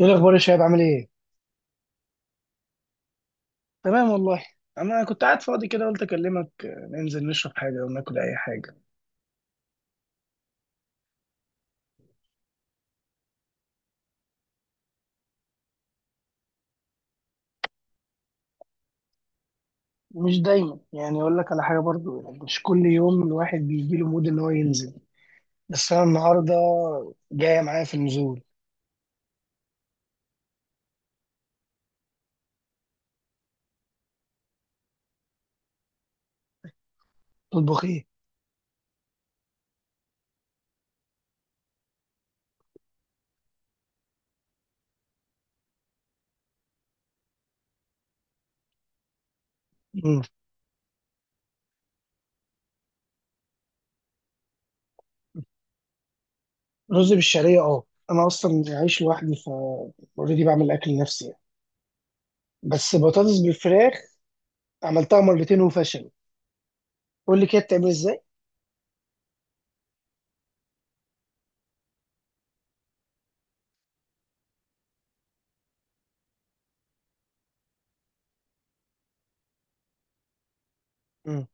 ايه الاخبار يا شباب؟ عامل ايه؟ تمام والله. انا كنت قاعد فاضي كده، قلت اكلمك. ننزل نشرب حاجه او ناكل اي حاجه؟ مش دايما. يعني اقول لك على حاجه برضو، يعني مش كل يوم الواحد بيجي له مود ان هو ينزل. بس انا النهارده. جايه معايا في النزول؟ تطبخ ايه؟ مم. رز بالشعريه، اه. انا اصلا عايش لوحدي، ف اوريدي بعمل اكل لنفسي يعني. بس بطاطس بالفراخ عملتها مرتين وفشلت. قول لي كده بتعمل ازاي. مم.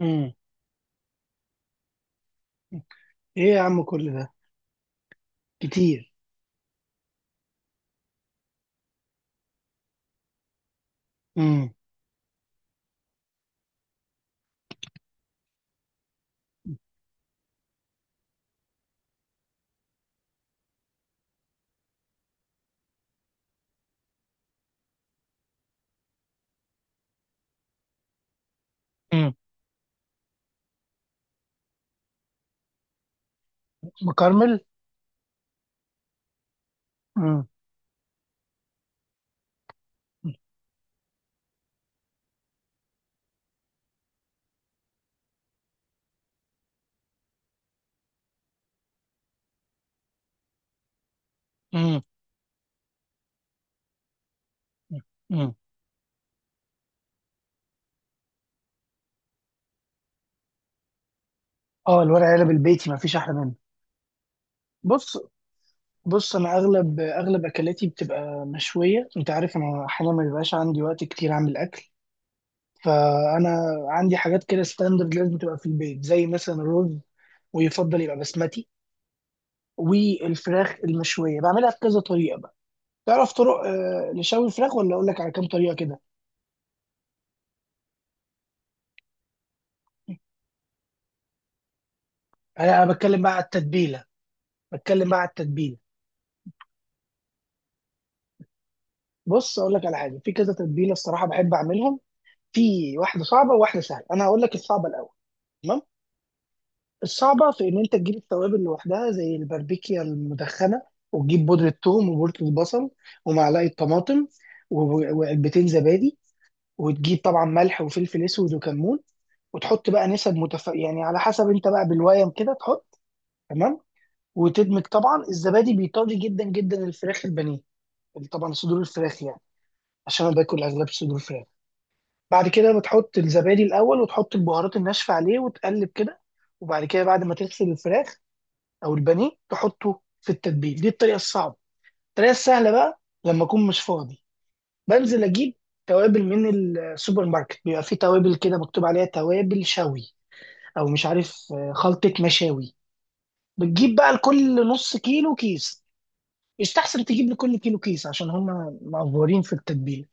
مم. ايه يا عم كل ده؟ كتير. مم. مكرمل. امم. امم. امم. اه، الورق عنب البيتي ما فيش احلى منه. بص، بص، انا اغلب اكلاتي بتبقى مشويه. انت عارف انا احيانا ما بيبقاش عندي وقت كتير اعمل اكل، فانا عندي حاجات كده ستاندرد لازم تبقى في البيت، زي مثلا الرز، ويفضل يبقى بسمتي. والفراخ المشويه بعملها بكذا طريقه بقى. تعرف طرق لشوي الفراخ، ولا اقول لك على كام طريقه كده؟ انا أنا بتكلم بقى على التتبيله بتكلم بقى على التتبيله. بص، اقول لك على حاجه. في كذا تتبيله الصراحه بحب اعملها. في واحده صعبه وواحده سهله. انا هقول لك الصعبه الاول. تمام. الصعبه في ان انت تجيب التوابل لوحدها، زي الباربيكيا المدخنه، وتجيب بودره ثوم وبودره البصل ومعلقه طماطم، وعلبتين زبادي، وتجيب طبعا ملح وفلفل اسود وكمون. وتحط بقى نسب يعني على حسب انت بقى بالويم كده تحط. تمام. وتدمج. طبعا الزبادي بيطري جدا جدا الفراخ البانيه، طبعا صدور الفراخ يعني، عشان انا باكل اغلب صدور فراخ. بعد كده بتحط الزبادي الاول، وتحط البهارات الناشفه عليه، وتقلب كده. وبعد كده بعد ما تغسل الفراخ او البانيه تحطه في التتبيل. دي الطريقه الصعبه. الطريقه السهله بقى لما اكون مش فاضي، بنزل اجيب توابل من السوبر ماركت. بيبقى فيه توابل كده مكتوب عليها توابل شوي، او مش عارف خلطه مشاوي. بتجيب بقى لكل نص كيلو كيس. يستحسن تجيب لكل كيلو كيس عشان هما معفورين في التتبيله.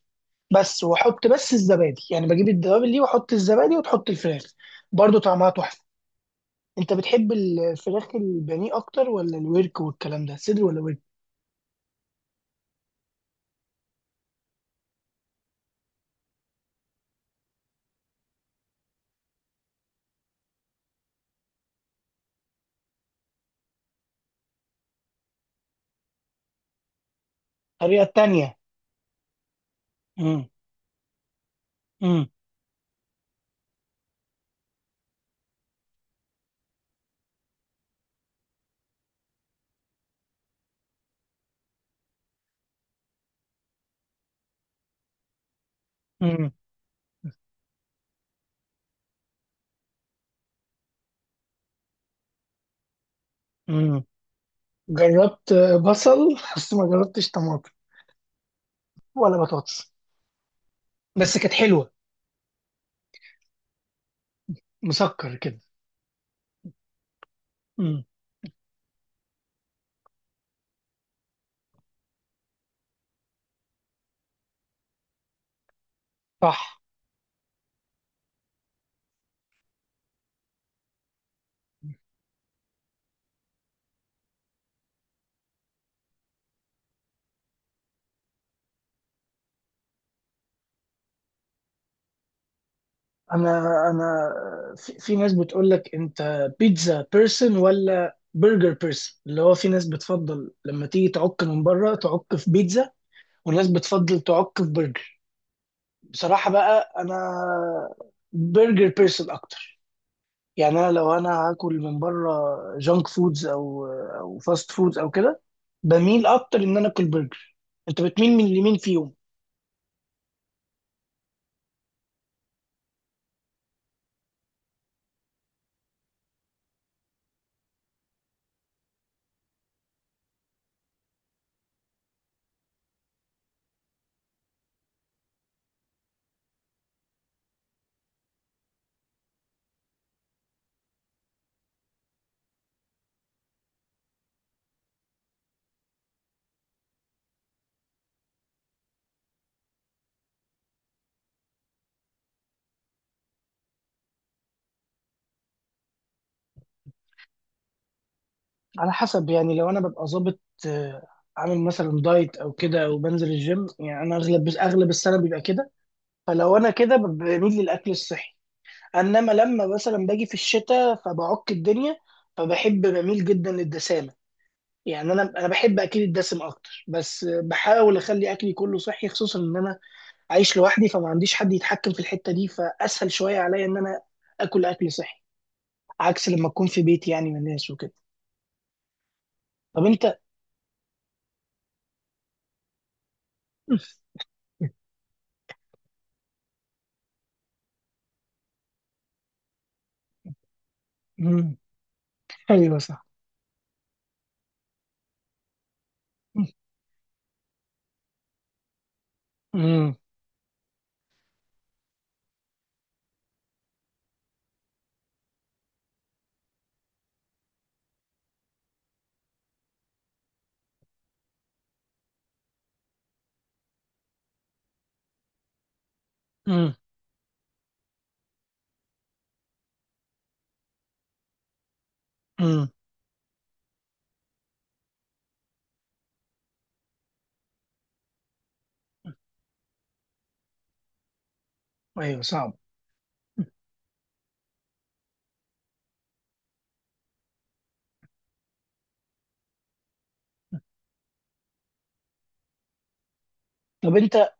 بس واحط بس الزبادي، يعني بجيب الدوابل دي واحط الزبادي وتحط الفراخ. برضو طعمها تحفه. انت بتحب الفراخ البانيه اكتر ولا الورك والكلام ده؟ صدر ولا ورك؟ الطريقه التانيه. مم. مم. مم. مم. جربت. بصل بس ما جربتش طماطم ولا بطاطس. بس كانت حلوه، مسكر كده. مم. صح. انا انا في ناس بتقول لك انت بيتزا بيرسون ولا برجر بيرسون. اللي هو في ناس بتفضل لما تيجي تعك من بره تعك في بيتزا، وناس بتفضل تعك في برجر. بصراحة بقى انا برجر بيرسون اكتر. يعني انا لو انا هاكل من بره، جانك فودز او فاست فودز او كده، بميل اكتر ان انا اكل برجر. انت بتميل من اليمين فيهم؟ على حسب. يعني لو انا ببقى ظابط، آه، عامل مثلا دايت او كده وبنزل الجيم، يعني انا اغلب السنه بيبقى كده. فلو انا كده بميل للاكل الصحي. انما لما مثلا باجي في الشتاء فبعك الدنيا، فبحب بميل جدا للدسامه. يعني انا بحب اكل الدسم اكتر، بس بحاول اخلي اكلي كله صحي، خصوصا ان انا عايش لوحدي، فما عنديش حد يتحكم في الحته دي. فاسهل شويه عليا ان انا اكل اكل صحي، عكس لما اكون في بيتي يعني من الناس وكده. طب انت. ايوه صح. امم. امم. امم. ايوه صعب. طب انت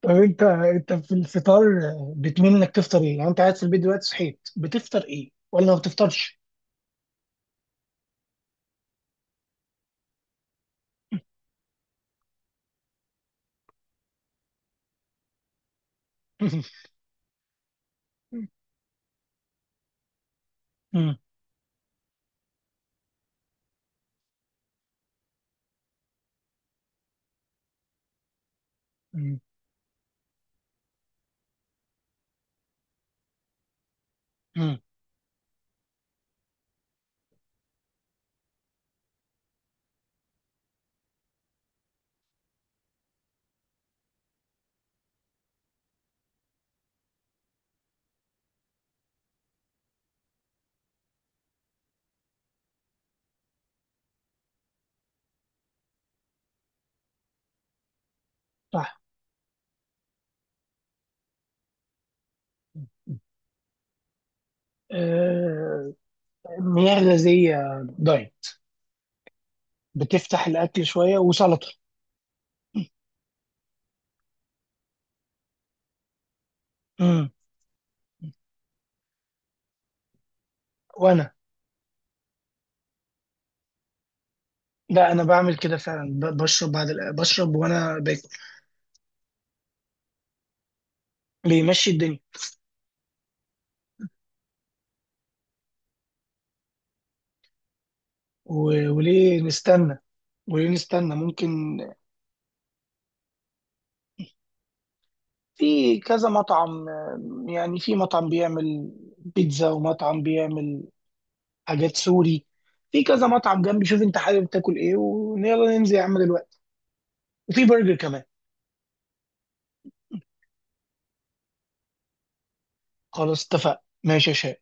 طب انت في الفطار بتميل انك تفطر ايه؟ يعني انت قاعد في البيت دلوقتي صحيت بتفطر ايه؟ ولا ما بتفطرش؟ امم. امم. امم. صح. آه، مياه غازية دايت بتفتح الأكل شوية، وسلطة. امم. وأنا. لا، أنا بعمل كده فعلا. بشرب بعد بشرب وأنا باكل. بيمشي الدنيا. وليه نستنى؟ وليه نستنى؟ ممكن. في كذا مطعم. يعني في مطعم بيعمل بيتزا، ومطعم بيعمل حاجات سوري. في كذا مطعم جنبي. شوف انت حابب تاكل ايه، ويلا ننزل يا عم دلوقتي. وفي برجر كمان. خلاص اتفقنا. ماشي يا شباب.